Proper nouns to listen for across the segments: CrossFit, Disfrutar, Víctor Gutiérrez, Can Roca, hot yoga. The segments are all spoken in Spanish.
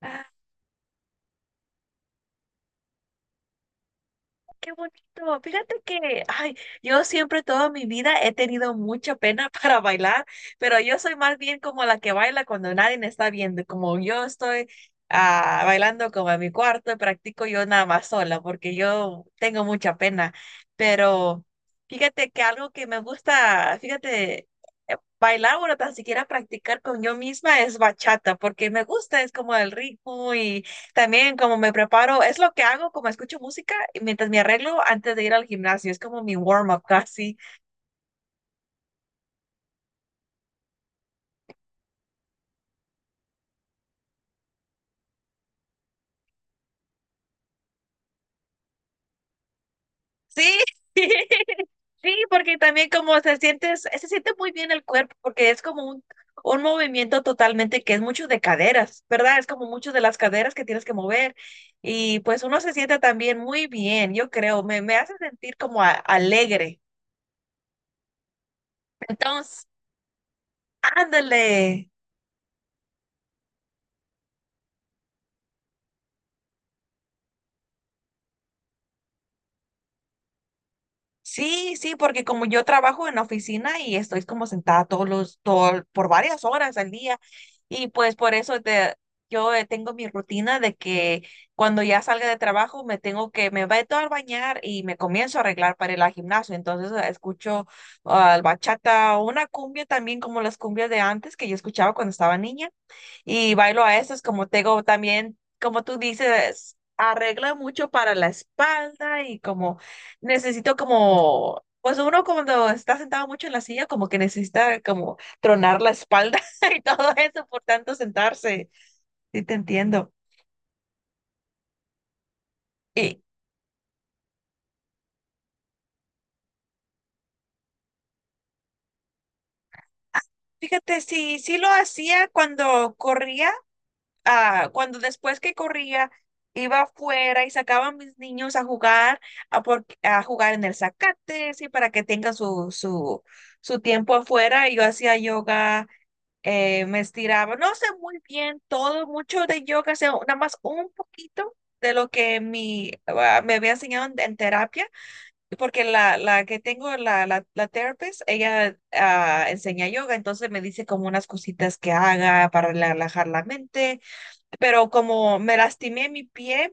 Ah, qué bonito. Fíjate que, ay, yo siempre toda mi vida he tenido mucha pena para bailar, pero yo soy más bien como la que baila cuando nadie me está viendo. Como yo estoy bailando como en mi cuarto, practico yo nada más sola porque yo tengo mucha pena. Pero fíjate que algo que me gusta, fíjate, bailar o tan siquiera practicar con yo misma es bachata porque me gusta, es como el ritmo. También como me preparo, es lo que hago, como escucho música y mientras me arreglo antes de ir al gimnasio, es como mi warm-up casi. Sí, sí, porque también como se siente muy bien el cuerpo, porque es como un movimiento totalmente que es mucho de caderas, ¿verdad? Es como mucho de las caderas que tienes que mover y pues uno se siente también muy bien, yo creo, me hace sentir como alegre. Entonces, ándale. Sí, sí, porque como yo trabajo en la oficina y estoy como sentada todo, por varias horas al día, y pues yo tengo mi rutina de que cuando ya salga de trabajo me meto a bañar y me comienzo a arreglar para ir al gimnasio. Entonces escucho bachata, una cumbia también como las cumbias de antes que yo escuchaba cuando estaba niña y bailo a esas, como tengo también, como tú dices, arregla mucho para la espalda y como necesito como, pues uno cuando está sentado mucho en la silla, como que necesita como tronar la espalda y todo eso por tanto sentarse. Sí, te entiendo. Y fíjate, sí, sí lo hacía cuando corría, cuando después que corría, iba afuera y sacaba a mis niños a jugar, a jugar en el zacate, sí, para que tengan su tiempo afuera. Y yo hacía yoga, me estiraba, no sé muy bien todo, mucho de yoga, sé nada más un poquito de lo que mi, me había enseñado en terapia, porque la que tengo, la therapist, ella enseña yoga, entonces me dice como unas cositas que haga para relajar la mente, pero como me lastimé mi pie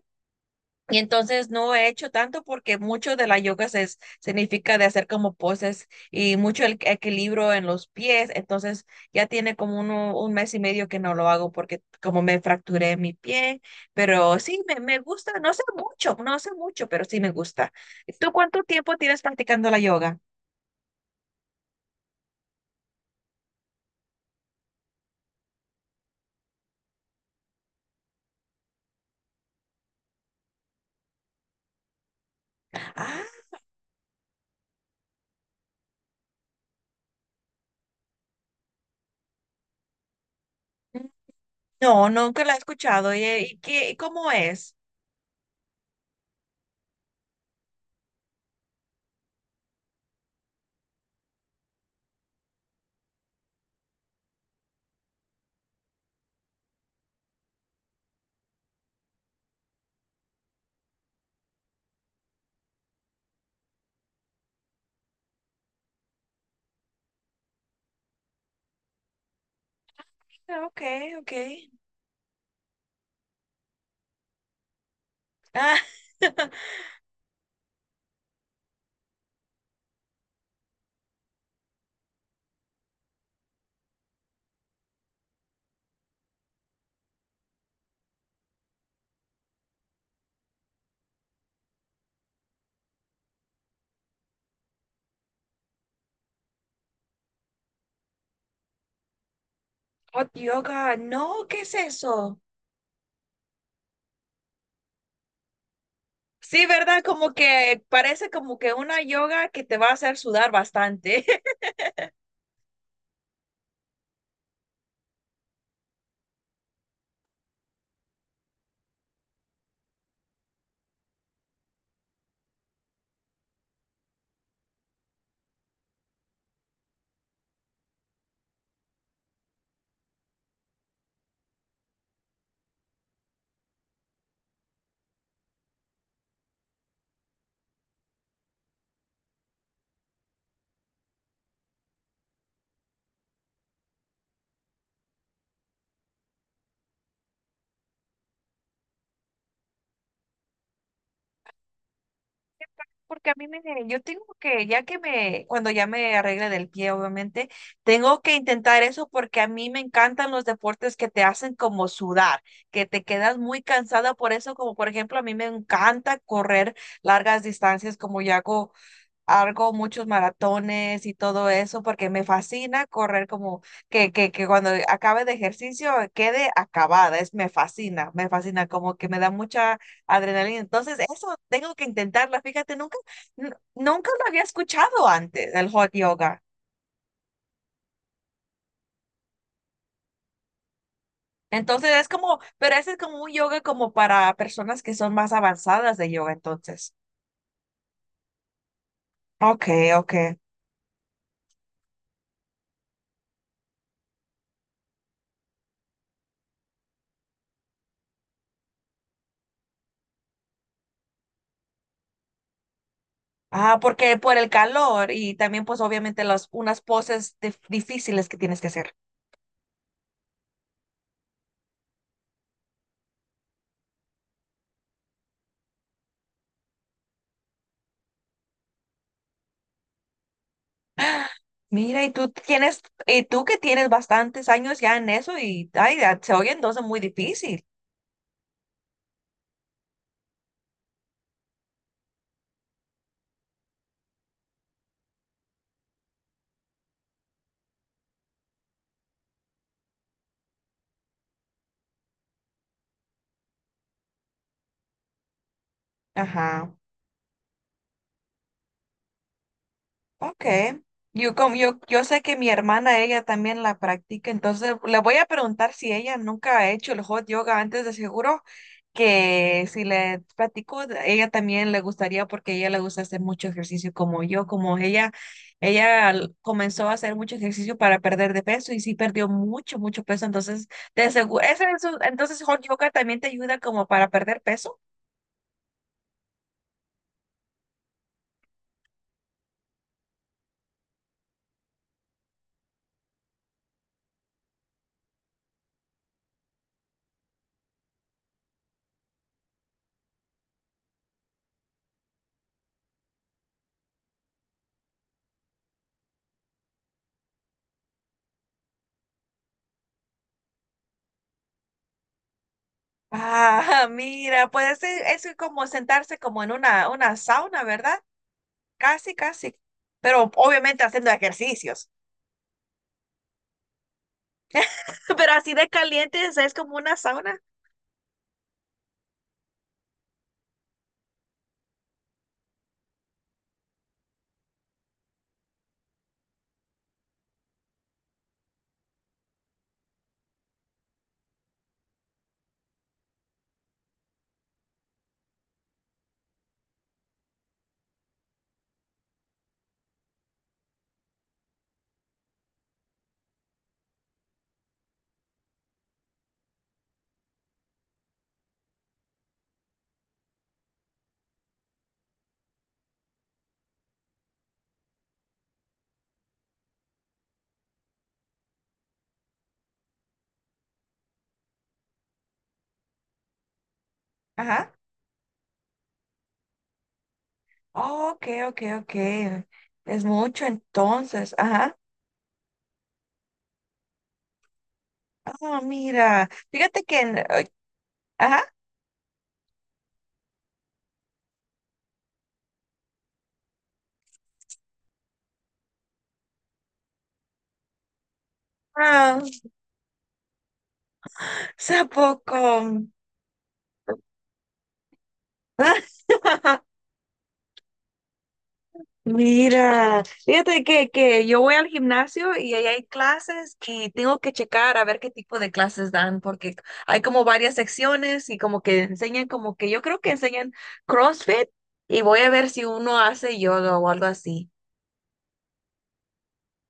y entonces no he hecho tanto porque mucho de la yoga significa de hacer como poses y mucho el equilibrio en los pies. Entonces ya tiene como un mes y medio que no lo hago porque como me fracturé mi pie, pero sí, me gusta, no sé mucho, pero sí me gusta. ¿Tú cuánto tiempo tienes practicando la yoga? Ah, no, nunca la he escuchado. ¿Y qué, cómo es? Ah, ok, ok. Ah. Hot yoga, no, ¿qué es eso? Sí, ¿verdad? Como que parece como que una yoga que te va a hacer sudar bastante. Porque yo tengo que, ya que me, cuando ya me arregle del pie, obviamente, tengo que intentar eso porque a mí me encantan los deportes que te hacen como sudar, que te quedas muy cansada por eso, como por ejemplo, a mí me encanta correr largas distancias, como yo hago. Hago muchos maratones y todo eso porque me fascina correr como que cuando acabe de ejercicio quede acabada. Es, me fascina, como que me da mucha adrenalina. Entonces, eso tengo que intentarla. Fíjate, nunca, nunca lo había escuchado antes, el hot yoga. Entonces es como, pero ese es como un yoga como para personas que son más avanzadas de yoga, entonces. Okay, okay. Ah, porque por el calor y también pues obviamente las unas poses difíciles que tienes que hacer. Mira, y tú tienes, y tú que tienes bastantes años ya en eso y ay, ya, se oye entonces muy difícil. Ajá. Okay. Yo, como, yo sé que mi hermana, ella también la practica, entonces le voy a preguntar si ella nunca ha hecho el hot yoga antes, de seguro, que si le platico, ella también le gustaría porque ella le gusta hacer mucho ejercicio como yo, como ella comenzó a hacer mucho ejercicio para perder de peso y sí perdió mucho, mucho peso, entonces de seguro, entonces hot yoga también te ayuda como para perder peso. Ah, mira, puede ser, es como sentarse como en una sauna, ¿verdad? Casi, casi. Pero obviamente haciendo ejercicios. Pero así de caliente, o sea, es como una sauna. Ajá. Oh, ok, ok, ok. Es mucho entonces. Ajá. Oh, mira. Fíjate que en- ay. Ajá. Ah, o poco. Mira, fíjate que yo voy al gimnasio y ahí hay clases que tengo que checar a ver qué tipo de clases dan, porque hay como varias secciones y como que enseñan, como que yo creo que enseñan CrossFit, y voy a ver si uno hace yoga o algo así.